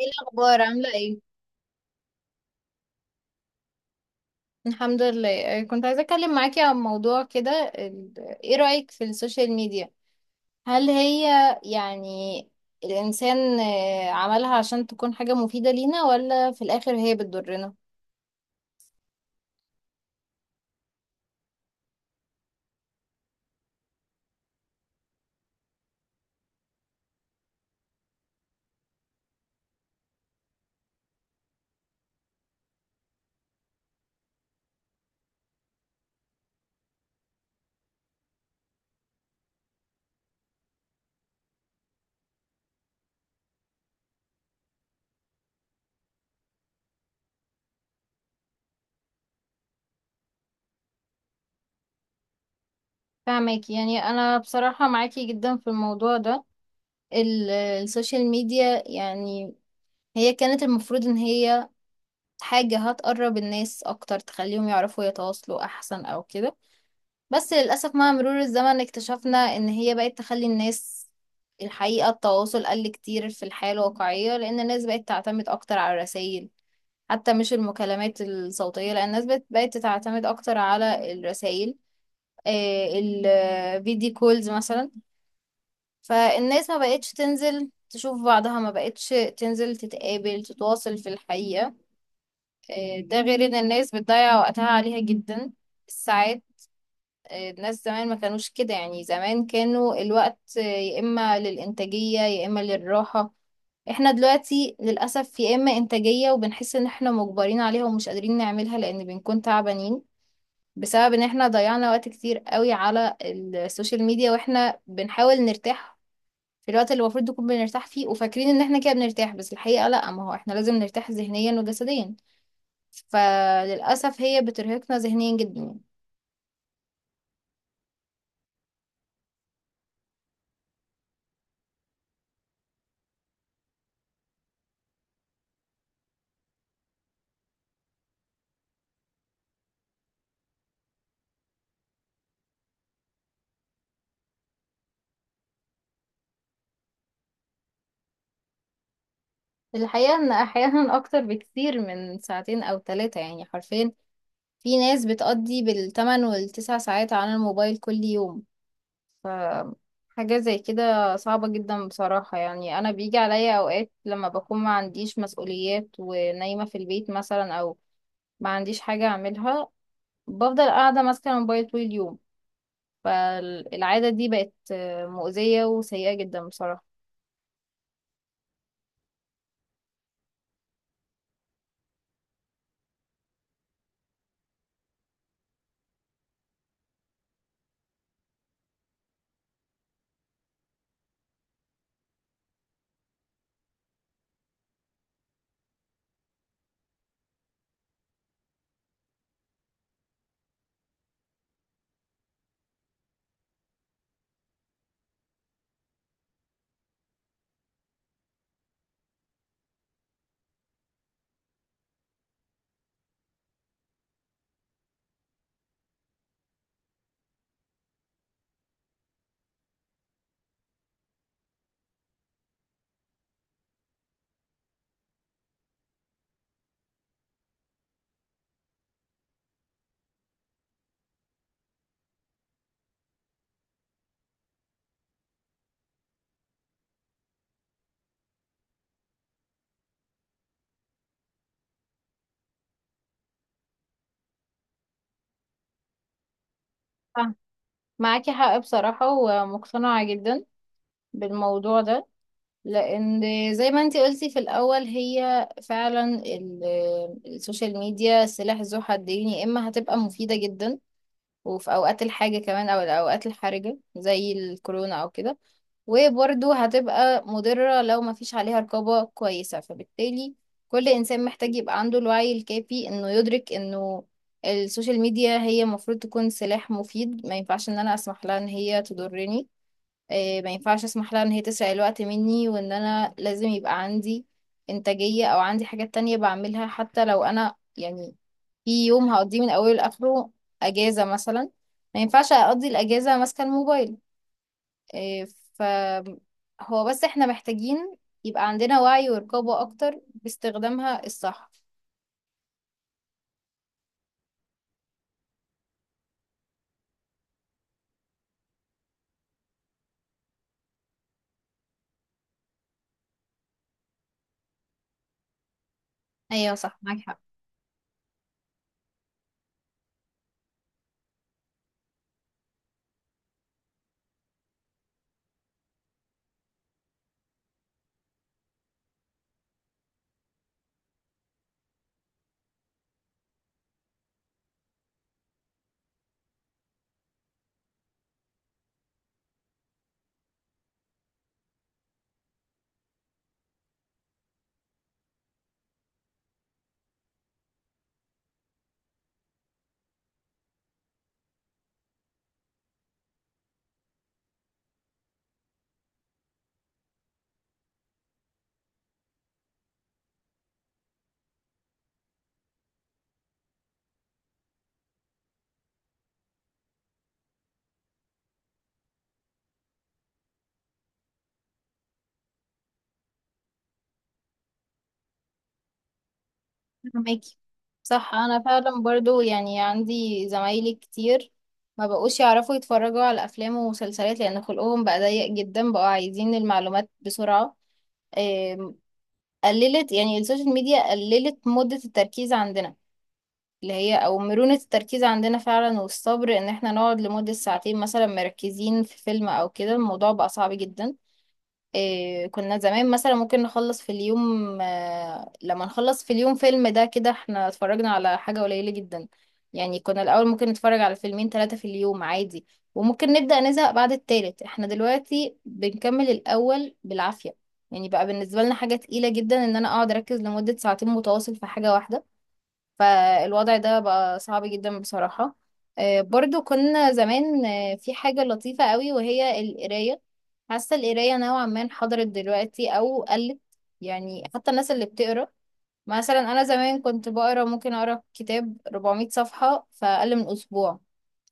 ايه الاخبار؟ عامله ايه؟ الحمد لله. كنت عايزه اتكلم معاكي عن موضوع كده. ال- ايه رايك في السوشيال ميديا؟ هل هي يعني الانسان، عملها عشان تكون حاجه مفيده لينا ولا في الاخر هي بتضرنا؟ فاهماكي. يعني انا بصراحه معاكي جدا في الموضوع ده. السوشيال ميديا يعني هي كانت المفروض ان هي حاجه هتقرب الناس اكتر، تخليهم يعرفوا يتواصلوا احسن او كده. بس للأسف مع مرور الزمن اكتشفنا إن هي بقت تخلي الناس، الحقيقة التواصل قل كتير في الحياة الواقعية، لأن الناس بقت تعتمد أكتر على الرسايل، حتى مش المكالمات الصوتية، لأن الناس بقت تعتمد أكتر على الرسايل، الفيديو كولز مثلا. فالناس ما بقتش تنزل تشوف بعضها، ما بقتش تنزل تتقابل تتواصل في الحقيقة. ده غير إن الناس بتضيع وقتها عليها جدا، الساعات. الناس زمان ما كانوش كده، يعني زمان كانوا الوقت يا إما للإنتاجية يا إما للراحة. احنا دلوقتي للأسف يا إما إنتاجية وبنحس إن احنا مجبرين عليها ومش قادرين نعملها لأن بنكون تعبانين بسبب إن احنا ضيعنا وقت كتير قوي على السوشيال ميديا، واحنا بنحاول نرتاح في الوقت اللي المفروض نكون بنرتاح فيه، وفاكرين إن احنا كده بنرتاح، بس الحقيقة لأ، ما هو احنا لازم نرتاح ذهنيا وجسديا. فللأسف هي بترهقنا ذهنيا جدا. الحقيقة إن أحيانا أكتر بكتير من ساعتين أو ثلاثة، يعني حرفيا في ناس بتقضي بالتمن والتسع ساعات على الموبايل كل يوم. ف حاجة زي كده صعبة جدا بصراحة. يعني أنا بيجي عليا أوقات لما بكون ما عنديش مسؤوليات ونايمة في البيت مثلا، أو ما عنديش حاجة أعملها، بفضل قاعدة ماسكة الموبايل طول اليوم. فالعادة دي بقت مؤذية وسيئة جدا بصراحة. آه، معاكي حق بصراحة ومقتنعة جدا بالموضوع ده، لان زي ما انتي قلتي في الاول هي فعلا السوشيال ميديا سلاح ذو حدين، يا اما هتبقى مفيده جدا، وفي اوقات الحاجه كمان او الاوقات الحرجه زي الكورونا او كده، وبرده هتبقى مضره لو ما فيش عليها رقابه كويسه. فبالتالي كل انسان محتاج يبقى عنده الوعي الكافي انه يدرك انه السوشيال ميديا هي المفروض تكون سلاح مفيد، ما ينفعش ان انا اسمح لها ان هي تضرني. إيه، ما ينفعش اسمح لها ان هي تسرق الوقت مني، وان انا لازم يبقى عندي انتاجية او عندي حاجات تانية بعملها، حتى لو انا يعني في يوم هقضيه من اوله لاخره اجازة مثلا، ما ينفعش اقضي الاجازة ماسكة الموبايل. إيه، ف هو بس احنا محتاجين يبقى عندنا وعي ورقابة اكتر باستخدامها الصح. ايوه صح، معاك حق. فهماكي، صح. انا فعلا برضو يعني عندي زمايلي كتير ما بقوش يعرفوا يتفرجوا على افلام ومسلسلات، لان خلقهم بقى ضيق جدا، بقوا عايزين المعلومات بسرعة. آم، قللت، يعني السوشيال ميديا قللت مدة التركيز عندنا، اللي هي او مرونة التركيز عندنا فعلا، والصبر ان احنا نقعد لمدة ساعتين مثلا مركزين في فيلم او كده، الموضوع بقى صعب جدا. إيه، كنا زمان مثلا ممكن نخلص في اليوم، لما نخلص في اليوم فيلم ده كده احنا اتفرجنا على حاجة قليلة جدا. يعني كنا الأول ممكن نتفرج على فيلمين ثلاثة في اليوم عادي، وممكن نبدأ نزهق بعد التالت. احنا دلوقتي بنكمل الأول بالعافية، يعني بقى بالنسبة لنا حاجة تقيلة جدا ان انا اقعد اركز لمدة ساعتين متواصل في حاجة واحدة. فالوضع ده بقى صعب جدا بصراحة. برضو كنا زمان، في حاجة لطيفة قوي وهي القراية. حاسة القراية نوعا ما انحدرت دلوقتي أو قلت. يعني حتى الناس اللي بتقرا، مثلا أنا زمان كنت بقرا، ممكن أقرا كتاب 400 صفحة في أقل من أسبوع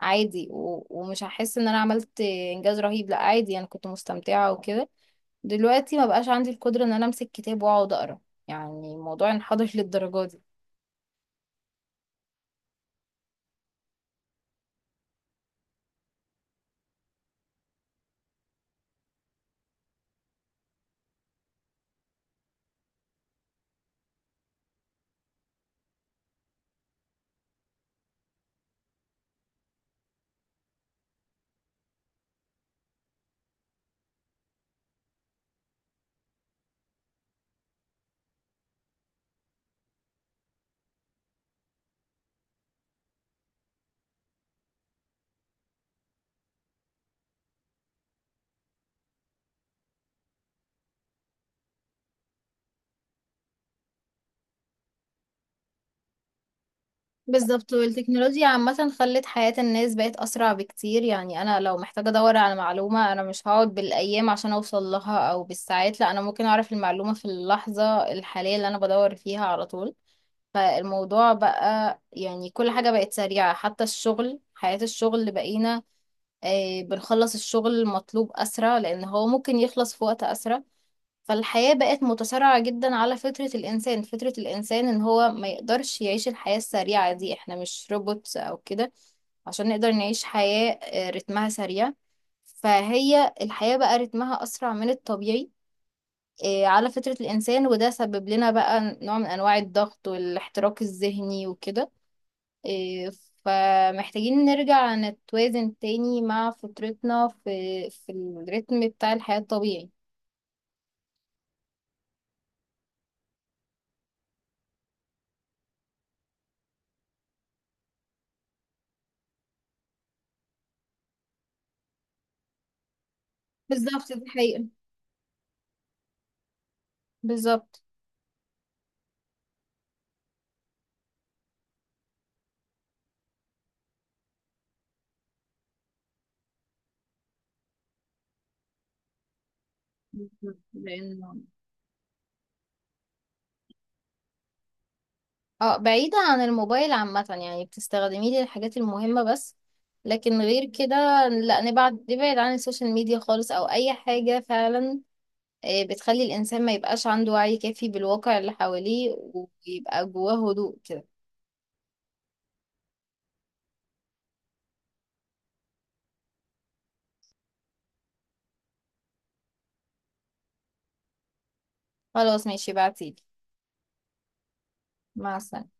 عادي، ومش هحس إن أنا عملت إنجاز رهيب، لأ عادي أنا كنت مستمتعة وكده. دلوقتي ما بقاش عندي القدرة إن أنا أمسك كتاب وأقعد أقرا. يعني الموضوع انحدر للدرجة دي. بالظبط، والتكنولوجيا عامة خلت حياة الناس بقت أسرع بكتير. يعني أنا لو محتاجة أدور على معلومة، أنا مش هقعد بالأيام عشان أوصل لها أو بالساعات، لا أنا ممكن أعرف المعلومة في اللحظة الحالية اللي أنا بدور فيها على طول. فالموضوع بقى يعني كل حاجة بقت سريعة، حتى الشغل، حياة الشغل بقينا بنخلص الشغل المطلوب أسرع لأن هو ممكن يخلص في وقت أسرع. فالحياة بقت متسارعة جدا على فطرة الإنسان، فطرة الإنسان إن هو ما يقدرش يعيش الحياة السريعة دي. إحنا مش روبوتس أو كده عشان نقدر نعيش حياة رتمها سريع. فهي الحياة بقى رتمها أسرع من الطبيعي، على فطرة الإنسان. وده سبب لنا بقى نوع من أنواع الضغط والاحتراق الذهني وكده. آه، فمحتاجين نرجع نتوازن تاني مع فطرتنا في الريتم بتاع الحياة الطبيعي. بالظبط، دي حقيقة. بالظبط. لانه اه بعيدة عن الموبايل عامة، يعني بتستخدميه للحاجات المهمة بس، لكن غير كده لا، نبعد نبعد عن السوشيال ميديا خالص أو أي حاجة فعلا بتخلي الإنسان ما يبقاش عنده وعي كافي بالواقع اللي حواليه، ويبقى جواه هدوء كده. خلاص ماشي، بعتيلي. مع السلامة.